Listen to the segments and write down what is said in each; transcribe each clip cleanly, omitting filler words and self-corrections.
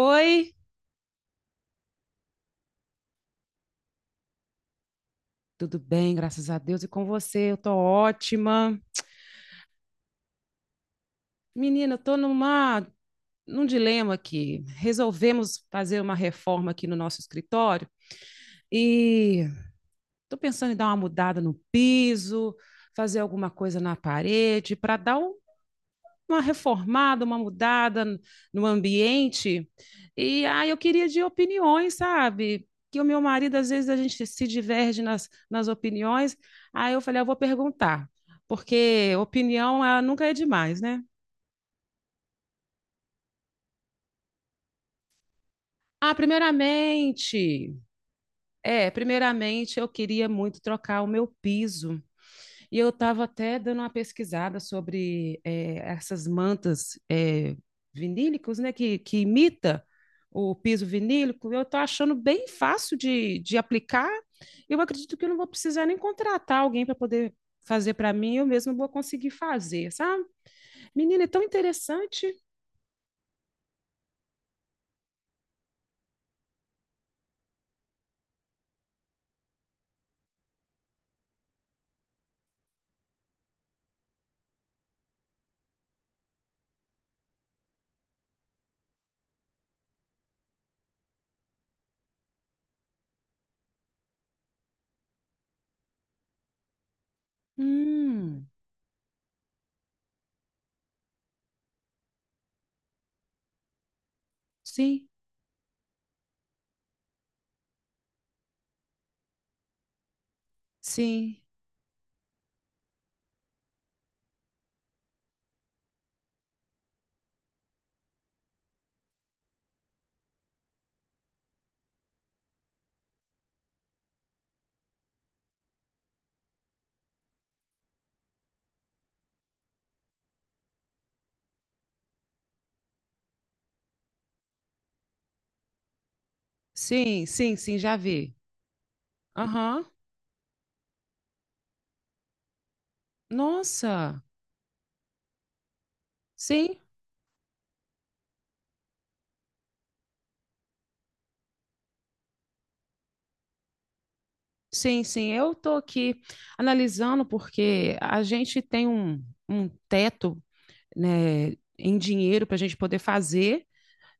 Oi, tudo bem, graças a Deus, e com você? Eu tô ótima. Menina, eu tô num dilema aqui. Resolvemos fazer uma reforma aqui no nosso escritório e tô pensando em dar uma mudada no piso, fazer alguma coisa na parede para dar uma reformada, uma mudada no ambiente. E ah, eu queria de opiniões, sabe? Que o meu marido, às vezes, a gente se diverge nas opiniões. Aí eu falei, "Ah, eu vou perguntar, porque opinião ela nunca é demais, né?" Ah, primeiramente eu queria muito trocar o meu piso. E eu estava até dando uma pesquisada sobre essas mantas vinílicas, né, que imita o piso vinílico. Eu estou achando bem fácil de aplicar. Eu acredito que eu não vou precisar nem contratar alguém para poder fazer para mim, eu mesma vou conseguir fazer, sabe? Menina, é tão interessante. Hum, sim, sim, sim, sim, sim, já vi. Aham. Nossa, sim. Sim, sim, eu estou aqui analisando porque a gente tem um teto, né, em dinheiro para a gente poder fazer,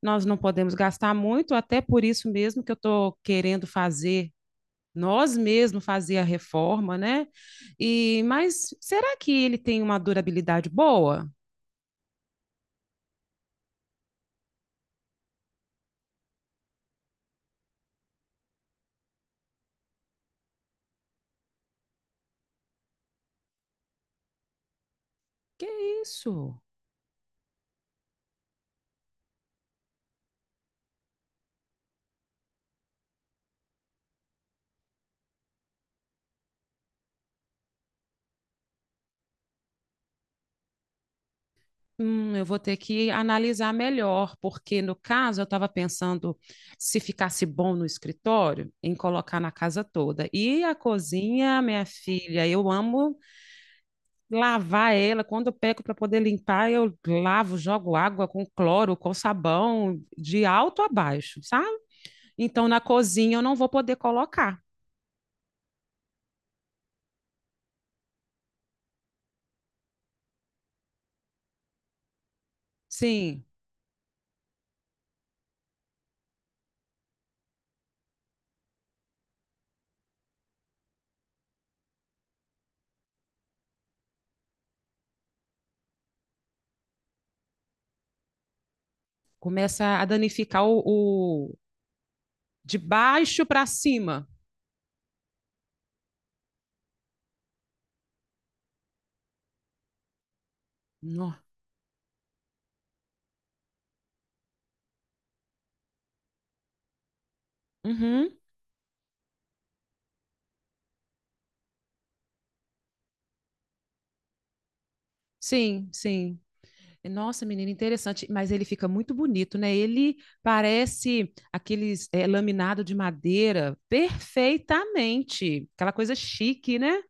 nós não podemos gastar muito, até por isso mesmo que eu estou querendo fazer, nós mesmos fazer a reforma, né? E, mas será que ele tem uma durabilidade boa? Que isso? Eu vou ter que analisar melhor, porque no caso eu estava pensando se ficasse bom no escritório, em colocar na casa toda. E a cozinha, minha filha, eu amo lavar ela. Quando eu pego para poder limpar, eu lavo, jogo água com cloro, com sabão, de alto a baixo, sabe? Então na cozinha eu não vou poder colocar. Sim, começa a danificar o- de baixo para cima. Nó. Uhum. Sim, sim. Nossa, menina, interessante. Mas ele fica muito bonito, né? Ele parece aqueles laminado de madeira perfeitamente. Aquela coisa chique, né?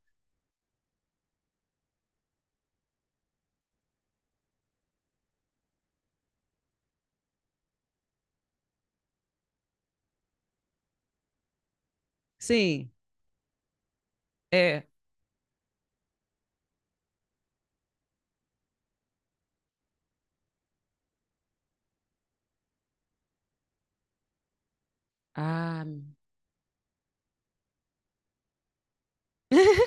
Sim, é. Ah,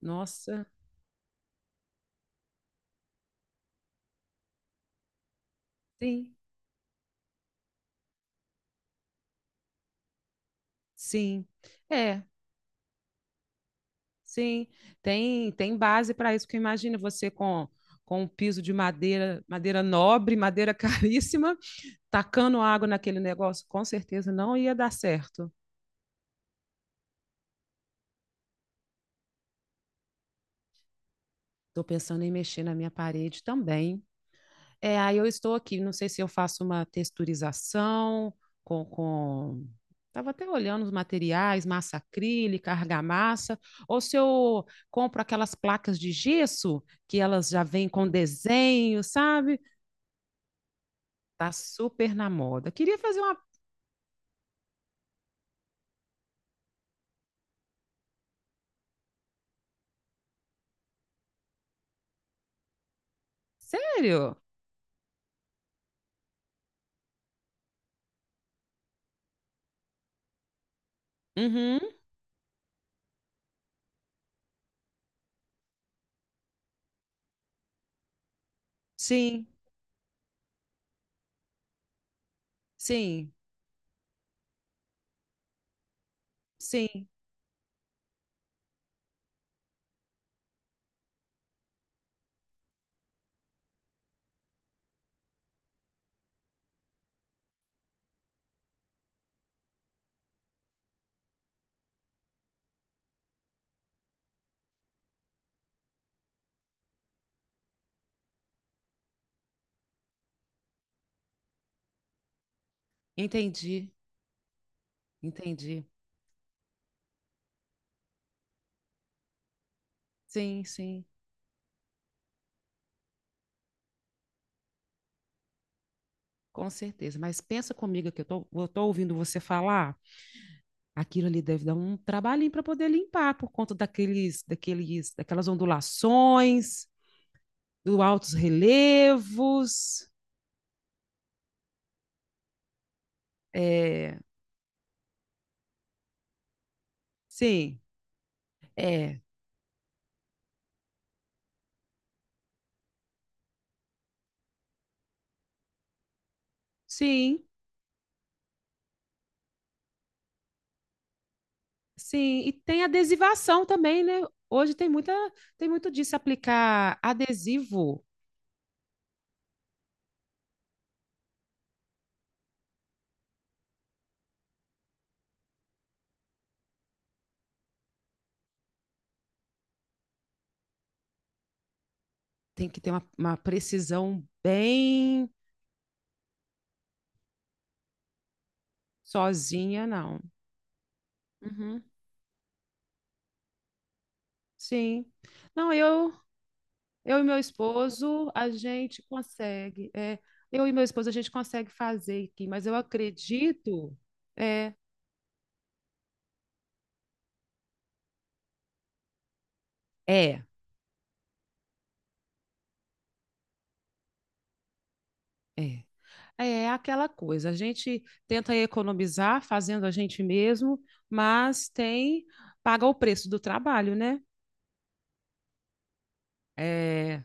nossa, sim, sim. É, sim. Tem base para isso, que imagina você com um piso de madeira, madeira nobre, madeira caríssima, tacando água naquele negócio, com certeza não ia dar certo. Estou pensando em mexer na minha parede também. É, aí eu estou aqui, não sei se eu faço uma texturização com, com... Estava até olhando os materiais, massa acrílica, argamassa, ou se eu compro aquelas placas de gesso que elas já vêm com desenho, sabe? Tá super na moda. Queria fazer. Sério? Uhum. Sim, sim, sim. Entendi, entendi. Sim, sim, com certeza. Mas pensa comigo que eu tô ouvindo você falar. Aquilo ali deve dar um trabalhinho para poder limpar por conta daquelas ondulações, dos altos relevos. É, sim, é, sim, sim. E tem adesivação também, né? Hoje tem muito disso. Aplicar adesivo tem que ter uma precisão bem sozinha, não. Uhum, sim. Não, eu e meu esposo, a gente consegue. Eu e meu esposo, a gente consegue fazer aqui, mas eu acredito. É, é, é. É aquela coisa. A gente tenta economizar fazendo a gente mesmo, mas tem. Paga o preço do trabalho, né? É,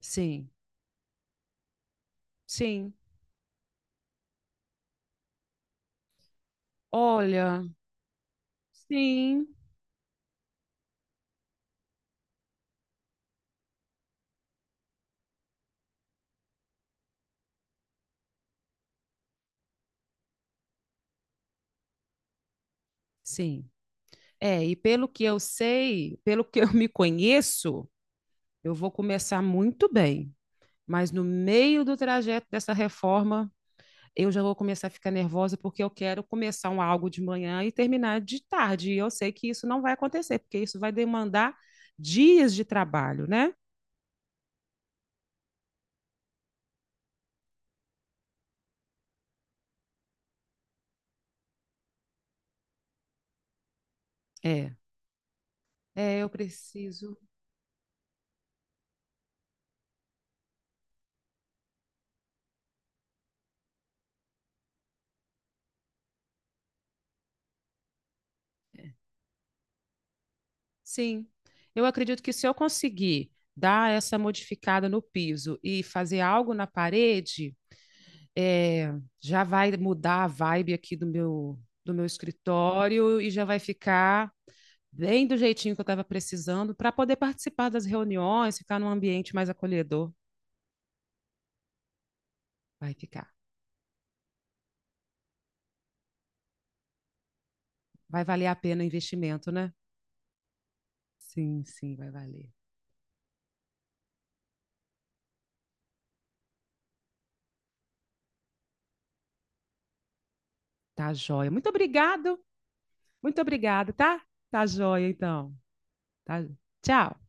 sim, sim. Olha, sim, sim. É, e pelo que eu sei, pelo que eu me conheço, eu vou começar muito bem. Mas no meio do trajeto dessa reforma, eu já vou começar a ficar nervosa porque eu quero começar um algo de manhã e terminar de tarde. E eu sei que isso não vai acontecer, porque isso vai demandar dias de trabalho, né? É, é, eu preciso. Sim, eu acredito que se eu conseguir dar essa modificada no piso e fazer algo na parede, é, já vai mudar a vibe aqui do meu escritório e já vai ficar bem do jeitinho que eu estava precisando para poder participar das reuniões, ficar num ambiente mais acolhedor. Vai ficar. Vai valer a pena o investimento, né? Sim, sim, vai valer. Tá joia. Muito obrigado. Muito obrigada, tá? Tá joia, então. Tá. Tchau.